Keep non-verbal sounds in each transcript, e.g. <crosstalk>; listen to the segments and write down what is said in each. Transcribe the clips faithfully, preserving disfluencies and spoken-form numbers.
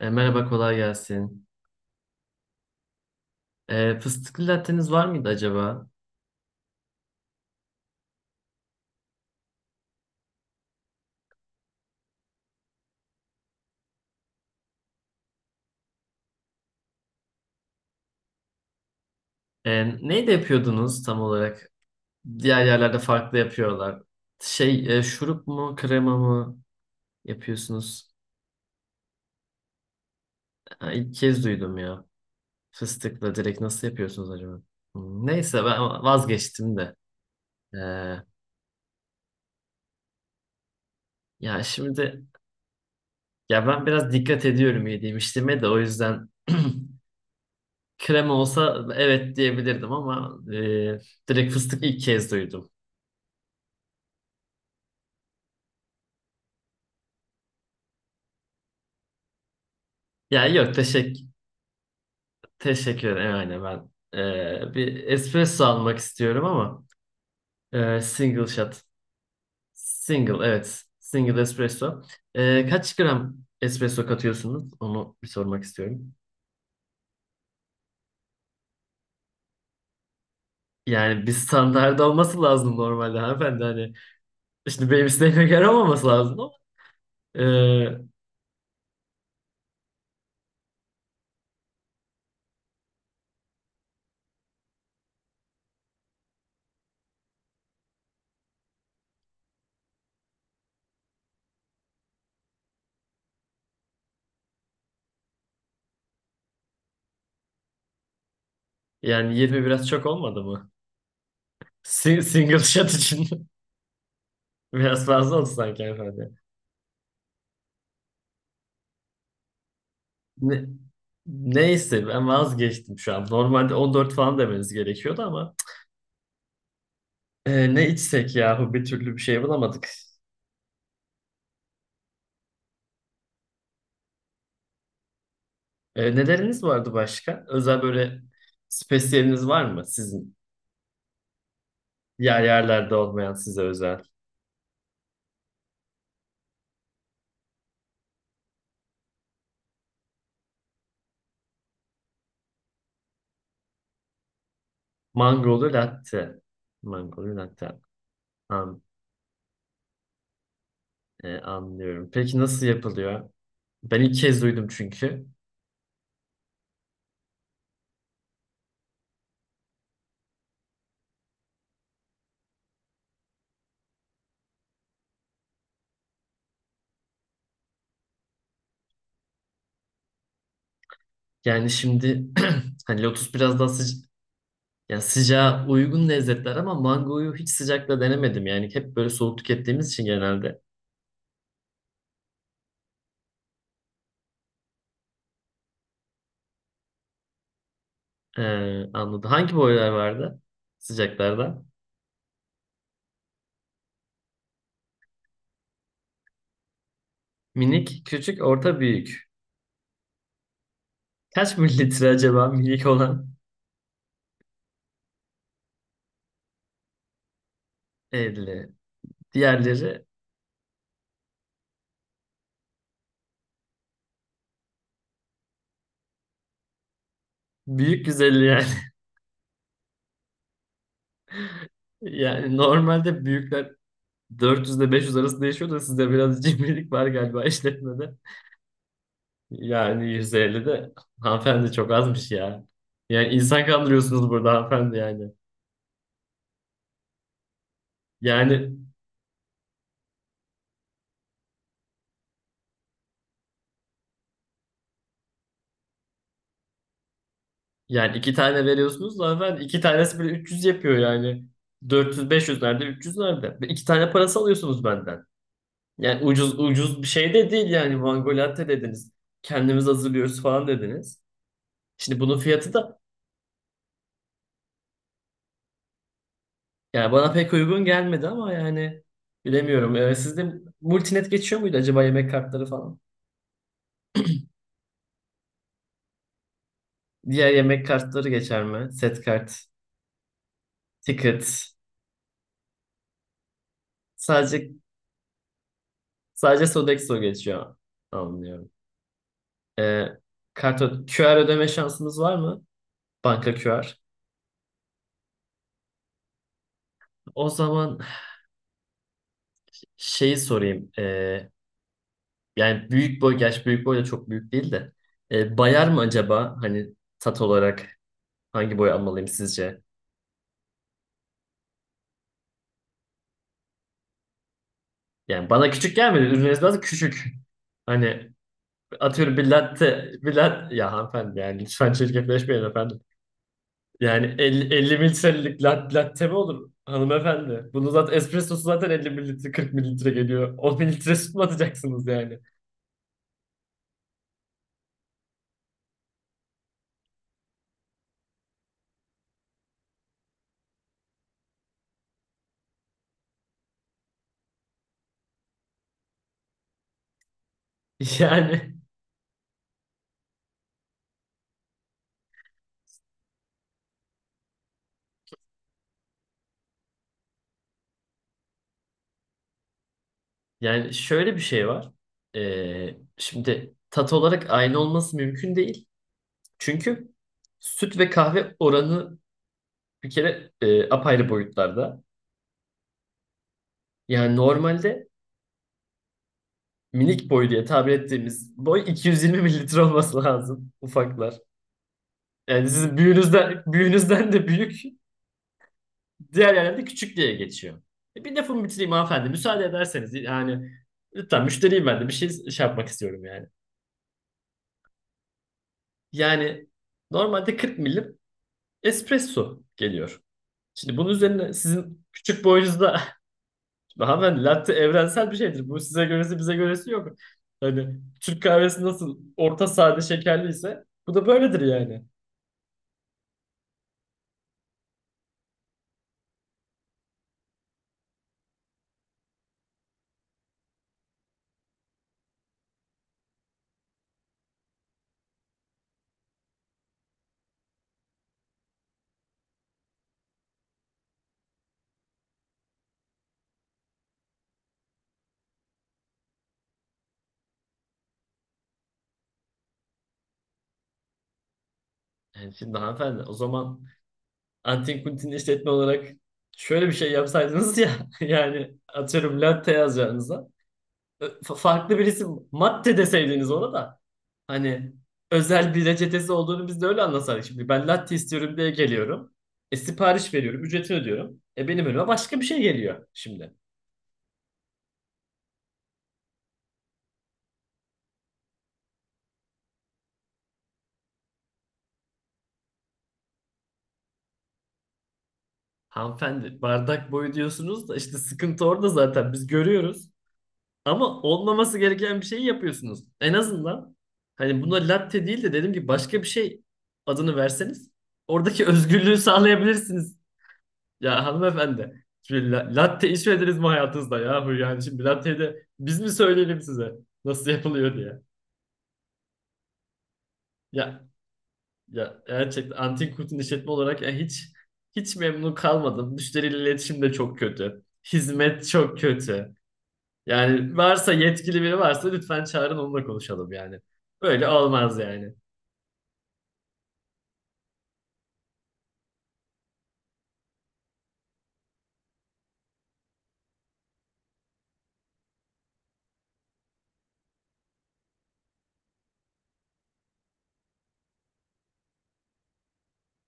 E, merhaba, kolay gelsin. E, fıstıklı latteniz var mıydı acaba? E, neyle yapıyordunuz tam olarak? Diğer yerlerde farklı yapıyorlar. Şey, e, şurup mu, krema mı yapıyorsunuz? Ha, İlk kez duydum ya. Fıstıkla direkt nasıl yapıyorsunuz acaba? Hmm, Neyse ben vazgeçtim de. E, Ya şimdi ya ben biraz dikkat ediyorum yediğim içtiğime de o yüzden <clears throat> krema olsa evet diyebilirdim ama e, direkt fıstık ilk kez duydum. Ya yok. Teşekkür Teşekkür ederim. Aynen ben e, bir espresso almak istiyorum ama e, single shot. Single evet. Single espresso. E, kaç gram espresso katıyorsunuz? Onu bir sormak istiyorum. Yani bir standart olması lazım normalde hanımefendi. Hani şimdi benim isteğime göre olmaması lazım ama e, yani yirmi biraz çok olmadı mı? Si- single shot için <laughs> biraz fazla oldu sanki hanımefendi. Ne- neyse ben vazgeçtim şu an. Normalde on dört falan demeniz gerekiyordu ama Ee, ne içsek yahu bir türlü bir şey bulamadık. Ee, neleriniz vardı başka? Özel böyle spesiyeliniz var mı sizin? Diğer yerlerde olmayan size özel. Mangolu latte. Mangolu latte. An- e, anlıyorum. Peki nasıl yapılıyor? Ben ilk kez duydum çünkü. Yani şimdi <clears throat> hani lotus biraz daha sıca yani sıcağa uygun lezzetler ama mangoyu hiç sıcakla denemedim. Yani hep böyle soğuk tükettiğimiz için genelde. Ee, Anladım. Hangi boylar vardı sıcaklarda? Minik, küçük, orta, büyük. Kaç mililitre acaba minik olan? elli. Diğerleri büyük yüz elli yani. <laughs> Yani normalde büyükler dört yüz ile beş yüz arası değişiyor da sizde biraz cimrilik <laughs> var galiba işletmede. Yani yüz elli de hanımefendi çok azmış ya. Yani insan kandırıyorsunuz burada hanımefendi yani. Yani yani iki tane veriyorsunuz da hanımefendi iki tanesi bile üç yüz yapıyor yani. dört yüz beş yüz nerede üç yüz nerede? Ve İki tane parası alıyorsunuz benden. Yani ucuz ucuz bir şey de değil yani mango latte dediniz. Kendimiz hazırlıyoruz falan dediniz. Şimdi bunun fiyatı da yani bana pek uygun gelmedi ama yani bilemiyorum. Ee, sizde multinet geçiyor muydu acaba yemek kartları falan? Diğer yemek kartları geçer mi? Set kart, ticket. Sadece sadece Sodexo geçiyor. Anlıyorum. Ee, Kart ö- Q R ödeme şansımız var mı? Banka Q R. O zaman şeyi sorayım. Ee, yani büyük boy, gerçi büyük boy da çok büyük değil de. Ee, bayar mı acaba? Hani tat olarak hangi boy almalıyım sizce? Yani bana küçük gelmedi. Ürününüz biraz küçük. Hani atıyorum bir latte, bir latte. Ya hanımefendi yani lütfen çirkefleşmeyin efendim. Yani elli, elli mililitrelik lat, latte mi olur hanımefendi? Bunu zaten espressosu zaten elli mililitre kırk mililitre geliyor. on mililitre süt mü atacaksınız yani? <laughs> Yani yani şöyle bir şey var. Ee, şimdi tat olarak aynı olması mümkün değil. Çünkü süt ve kahve oranı bir kere e, apayrı boyutlarda. Yani normalde minik boy diye tabir ettiğimiz boy iki yüz yirmi mililitre olması lazım ufaklar. Yani sizin büyüğünüzden, büyüğünüzden de büyük. Diğer yerlerde küçük diye geçiyor. E, bir lafımı bitireyim hanımefendi. Müsaade ederseniz yani lütfen müşteriyim ben de bir şey, şey yapmak istiyorum yani. Yani normalde kırk milim espresso geliyor. Şimdi bunun üzerine sizin küçük boyunuzda. <laughs> Şimdi hanımefendi latte evrensel bir şeydir. Bu size göresi bize göresi yok. Hani Türk kahvesi nasıl orta sade şekerliyse bu da böyledir yani. Yani şimdi hanımefendi o zaman Antin Kuntin işletme olarak şöyle bir şey yapsaydınız ya, <laughs> yani atıyorum latte yazacağınıza Ö- Fa- farklı birisi matte deseydiniz ona da hani özel bir reçetesi olduğunu biz de öyle anlasaydık. Şimdi ben latte istiyorum diye geliyorum. E sipariş veriyorum, ücretini ödüyorum. E benim önüme başka bir şey geliyor şimdi. Hanımefendi bardak boyu diyorsunuz da işte sıkıntı orada zaten biz görüyoruz. Ama olmaması gereken bir şeyi yapıyorsunuz. En azından hani buna latte değil de dedim ki başka bir şey adını verseniz oradaki özgürlüğü sağlayabilirsiniz. Ya hanımefendi. Şimdi la- latte içmediniz mi hayatınızda ya? Yani şimdi latteyi de biz mi söyleyelim size nasıl yapılıyor diye. Ya ya gerçekten Antin Kurt'un işletme olarak ya hiç hiç memnun kalmadım. Müşteriyle iletişim de çok kötü. Hizmet çok kötü. Yani varsa yetkili biri varsa lütfen çağırın onunla konuşalım yani. Böyle olmaz yani.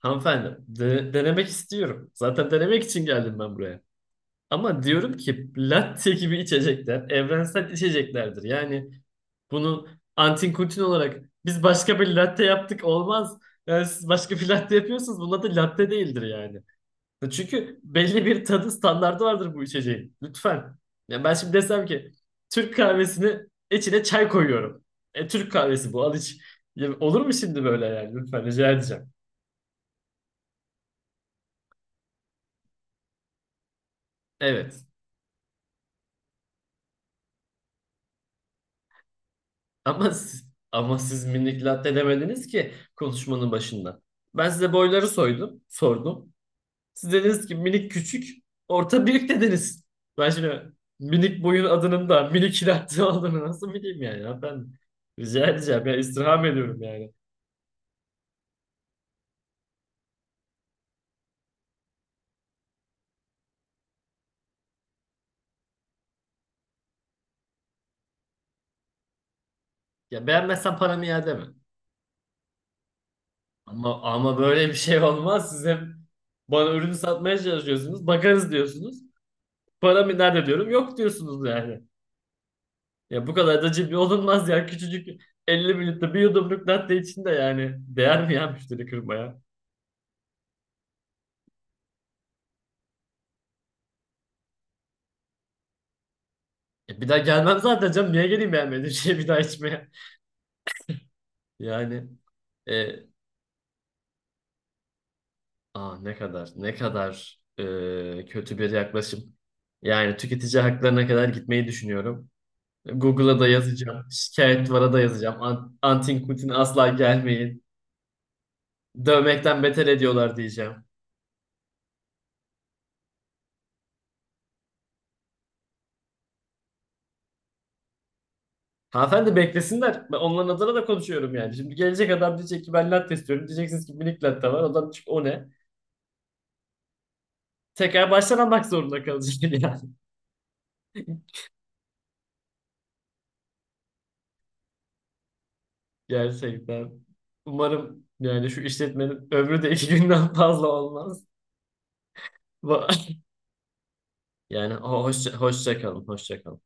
Hanımefendi, de- denemek istiyorum. Zaten denemek için geldim ben buraya. Ama diyorum ki latte gibi içecekler evrensel içeceklerdir. Yani bunu antin kuntin olarak biz başka bir latte yaptık olmaz. Yani siz başka bir latte yapıyorsunuz. Bunun adı latte değildir yani. E çünkü belli bir tadı standardı vardır bu içeceğin. Lütfen. Ya ben şimdi desem ki Türk kahvesini içine çay koyuyorum. E, Türk kahvesi bu, al iç. Ya olur mu şimdi böyle yani? Lütfen rica edeceğim. Evet. Ama siz, ama siz minik latte demediniz ki konuşmanın başında. Ben size boyları soydum, sordum. Siz dediniz ki minik, küçük, orta, büyük dediniz. Ben şimdi minik boyun adının da minik latte <laughs> olduğunu nasıl bileyim yani? Ya ben rica edeceğim ya istirham ediyorum yani. Ya beğenmezsen paramı iade mi? Ama, ama böyle bir şey olmaz. Siz hep bana ürünü satmaya çalışıyorsunuz. Bakarız diyorsunuz. Paramı nerede diyorum. Yok diyorsunuz yani. Ya bu kadar da cimri olunmaz ya. Küçücük elli mililitre bir yudumluk latte içinde yani. Değer mi ya müşteri kırmaya? E bir daha gelmem zaten canım. Niye geleyim beğenmediğim şeyi bir daha içmeye? <laughs> Yani e, aa ne kadar, ne kadar e, kötü bir yaklaşım. Yani tüketici haklarına kadar gitmeyi düşünüyorum. Google'a da yazacağım. Şikayet duvara da yazacağım. An Antin Kuntin asla gelmeyin. Dövmekten beter ediyorlar diyeceğim. Hanımefendi beklesinler. Ben onların adına da konuşuyorum yani. Şimdi gelecek adam diyecek ki ben latte istiyorum. Diyeceksiniz ki minik latte var. Adam diyecek o ne? Tekrar baştan almak zorunda kalacak <laughs> yani. Gerçekten. Umarım yani şu işletmenin ömrü de iki günden fazla olmaz. <laughs> Yani ho- hoşça, hoşça kalın, hoşça kalın.